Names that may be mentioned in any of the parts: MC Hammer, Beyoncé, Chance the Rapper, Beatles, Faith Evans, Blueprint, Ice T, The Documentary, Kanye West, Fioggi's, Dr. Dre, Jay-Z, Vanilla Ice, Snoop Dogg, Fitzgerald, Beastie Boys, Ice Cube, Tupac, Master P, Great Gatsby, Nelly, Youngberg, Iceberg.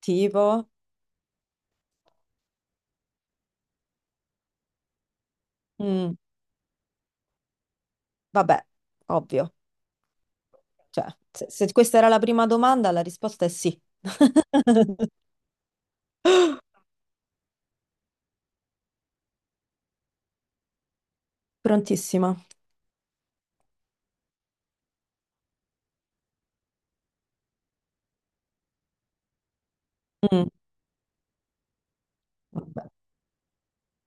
Tipo? Mm, vabbè, ovvio. Cioè, se questa era la prima domanda, la risposta è sì. Prontissima. Mm, vabbè,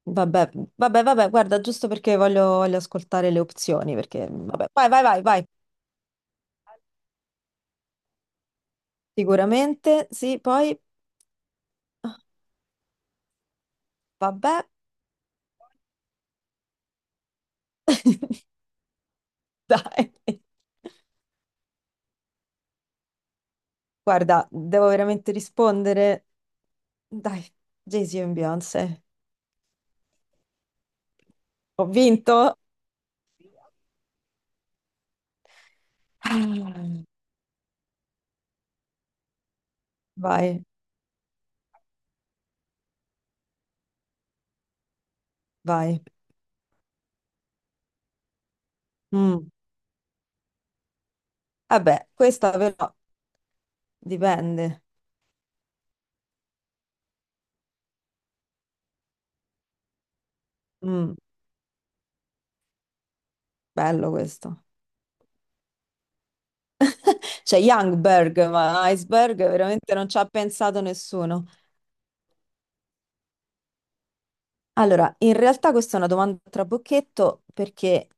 vabbè, vabbè, vabbè, guarda, giusto perché voglio ascoltare le opzioni, perché, vabbè, vai, vai, vai, vai. Sicuramente, sì, poi, ah, vabbè. Dai. Guarda, devo veramente rispondere. Dai, Jay-Z e Beyoncé. Ho vinto. Ah, vai, vai. Mm. Vabbè, questa però dipende. Mm, Bello questo. C'è Youngberg, ma Iceberg veramente non ci ha pensato nessuno. Allora, in realtà questa è una domanda a trabocchetto perché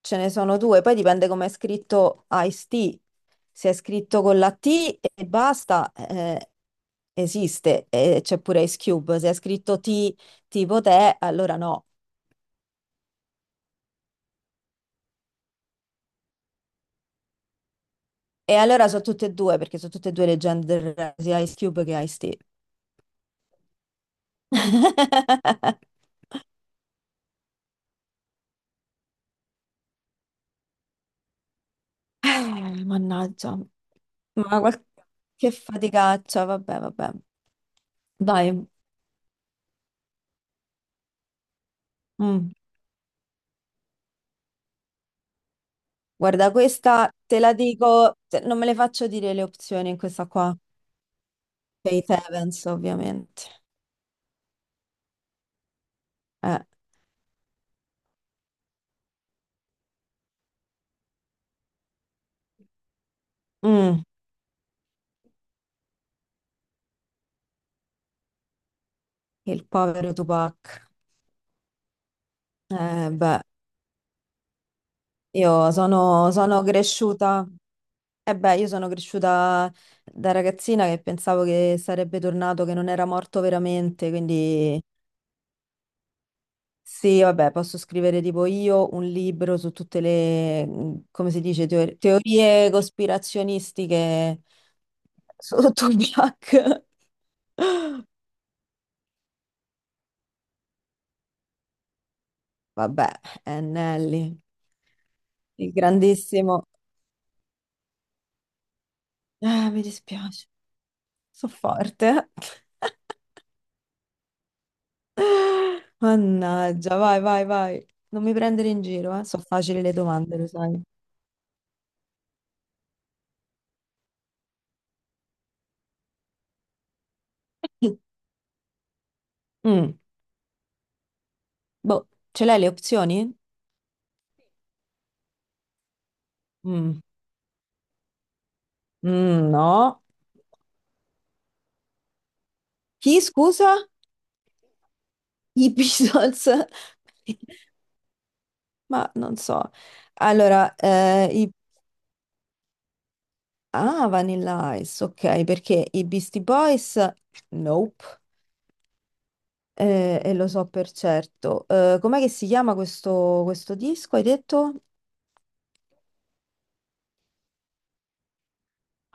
ce ne sono due, poi dipende come è scritto Ice T. Se è scritto con la T e basta, esiste, e c'è pure Ice Cube. Se è scritto T tipo te, allora no. E allora sono tutte e due, perché sono tutte e due leggende del rap, sia Ice Cube che Ice-T. Eh, Mannaggia, ma che faticaccia, vabbè, vabbè. Dai, mm. Guarda, questa te la dico, non me le faccio dire le opzioni in questa qua. Faith Evans, ovviamente. Eh, mm, Il povero Tupac. Beh, io sono, sono cresciuta, eh beh, io sono cresciuta da ragazzina che pensavo che sarebbe tornato, che non era morto veramente, quindi... Sì, vabbè, posso scrivere tipo io un libro su tutte le, come si dice, teorie cospirazionistiche sotto Tupac. Vabbè, Nelly, il grandissimo... Mi dispiace, so forte. Mannaggia, vai, vai, vai. Non mi prendere in giro, eh. Sono facili le domande, lo sai. Mm, boh, ce l'hai le opzioni? Mm, mm, no. Chi, scusa? I Beatles? Ma non so. Allora, Ah, Vanilla Ice, ok, perché i Beastie Boys? Nope. E lo so per certo. Com'è che si chiama questo disco, hai detto?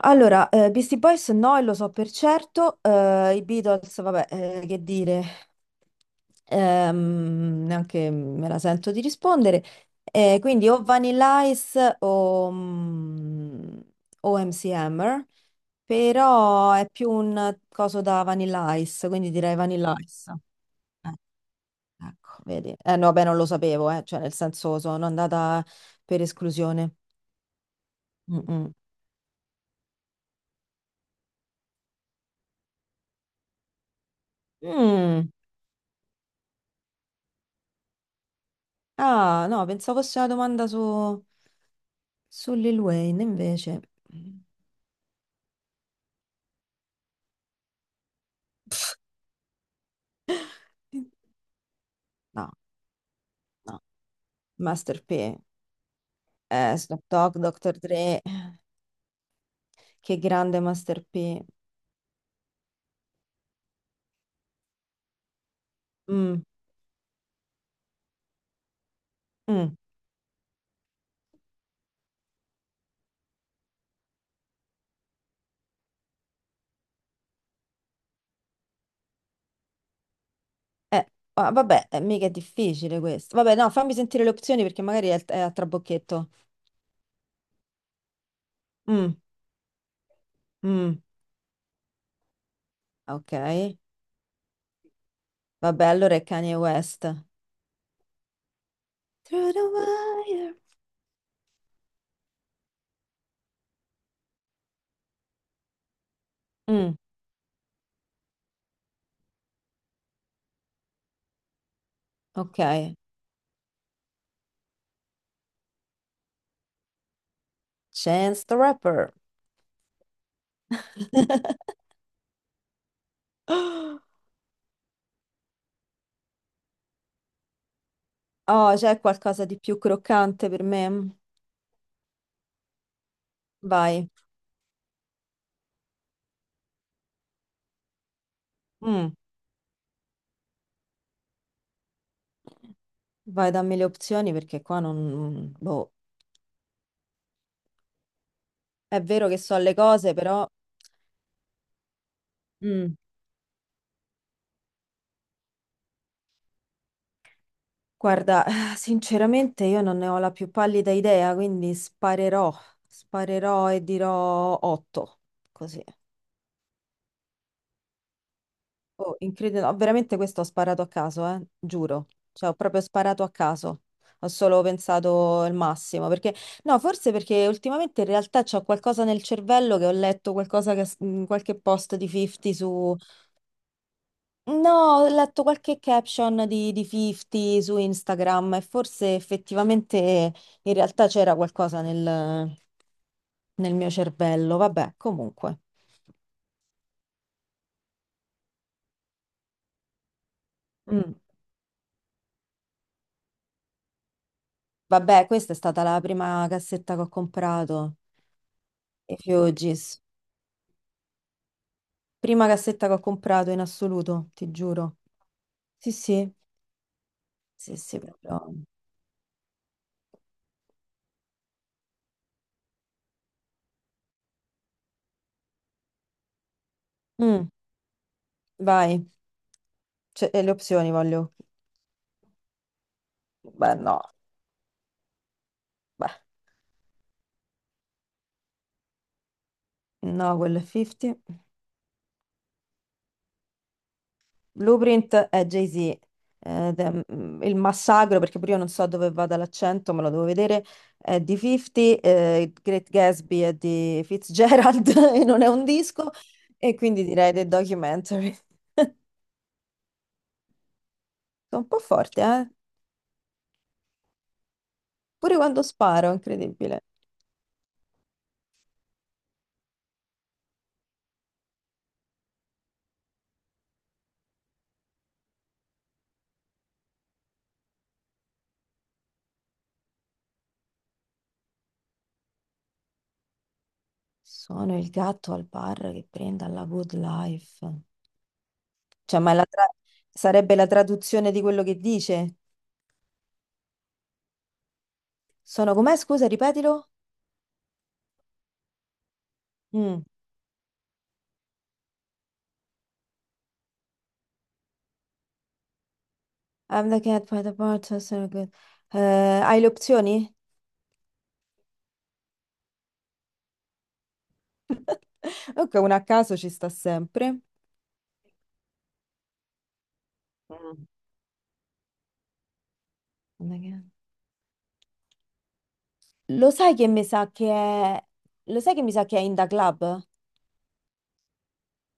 Allora, Beastie Boys no, e lo so per certo, i Beatles, vabbè, che dire, neanche me la sento di rispondere. Quindi o Vanilla Ice o, o MC Hammer, però è più un coso da Vanilla Ice, quindi direi Vanilla Ice. Eh, ecco, vedi. No, vabbè, non lo sapevo, cioè nel senso sono andata per esclusione. Mm, mm. Mm. Ah, no, pensavo fosse una domanda su Lil Wayne, invece. No, no. Master P, Snoop Dogg, Dr. Dre, che grande Master P. Mm, mm. Eh, Vabbè, mica è difficile questo. Vabbè, no, fammi sentire le opzioni perché magari è a trabocchetto. Mm, mm, ok. Vabbè, allora è Kanye West. Through the wire. Mm, ok. Chance the Rapper. Oh, c'è qualcosa di più croccante per me? Vai, mm, vai, dammi le opzioni perché qua non... Boh, è vero che so le cose, però... Mm, Guarda, sinceramente io non ne ho la più pallida idea, quindi sparerò e dirò 8, così. Oh, incredibile, no, veramente questo ho sparato a caso, giuro. Cioè, ho proprio sparato a caso. Ho solo pensato il massimo, perché no, forse perché ultimamente in realtà c'ho qualcosa nel cervello che ho letto qualcosa che in qualche post di 50 su No, ho letto qualche caption di 50 su Instagram e forse effettivamente in realtà c'era qualcosa nel, mio cervello. Vabbè, comunque. Mm. Vabbè, questa è stata la prima cassetta che ho comprato. I Fioggi's. Prima cassetta che ho comprato in assoluto, ti giuro. Sì, sì, sì, sì, proprio. Mm, vai. Cioè, e le opzioni voglio. Beh, no, beh, no, quello è 50. Blueprint è Jay-Z. Ed è, il massacro, perché pure io non so dove vada l'accento, me lo devo vedere. È di 50, Great Gatsby è di Fitzgerald e non è un disco. E quindi direi The Documentary. Sono un po' forte, eh? Pure quando sparo, incredibile. Sono il gatto al bar che prende alla good life. Cioè, ma è la sarebbe la traduzione di quello che dice? Sono com'è? Scusa, ripetilo. Mm. I'm the cat by the bar, so so good. Hai le opzioni? Ok, una a caso ci sta sempre. Mm. I'm the cat. Lo sai che mi sa che è... Lo sai che mi sa che è in the club?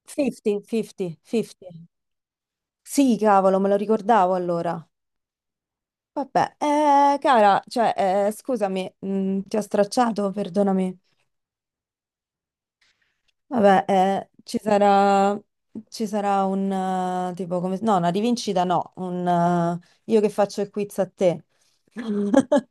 50, 50, 50. Sì, cavolo, me lo ricordavo allora. Vabbè, cara, cioè, scusami, ti ho stracciato, perdonami. Vabbè, ci sarà un, tipo, come, no, una rivincita no, un, io che faccio il quiz a te.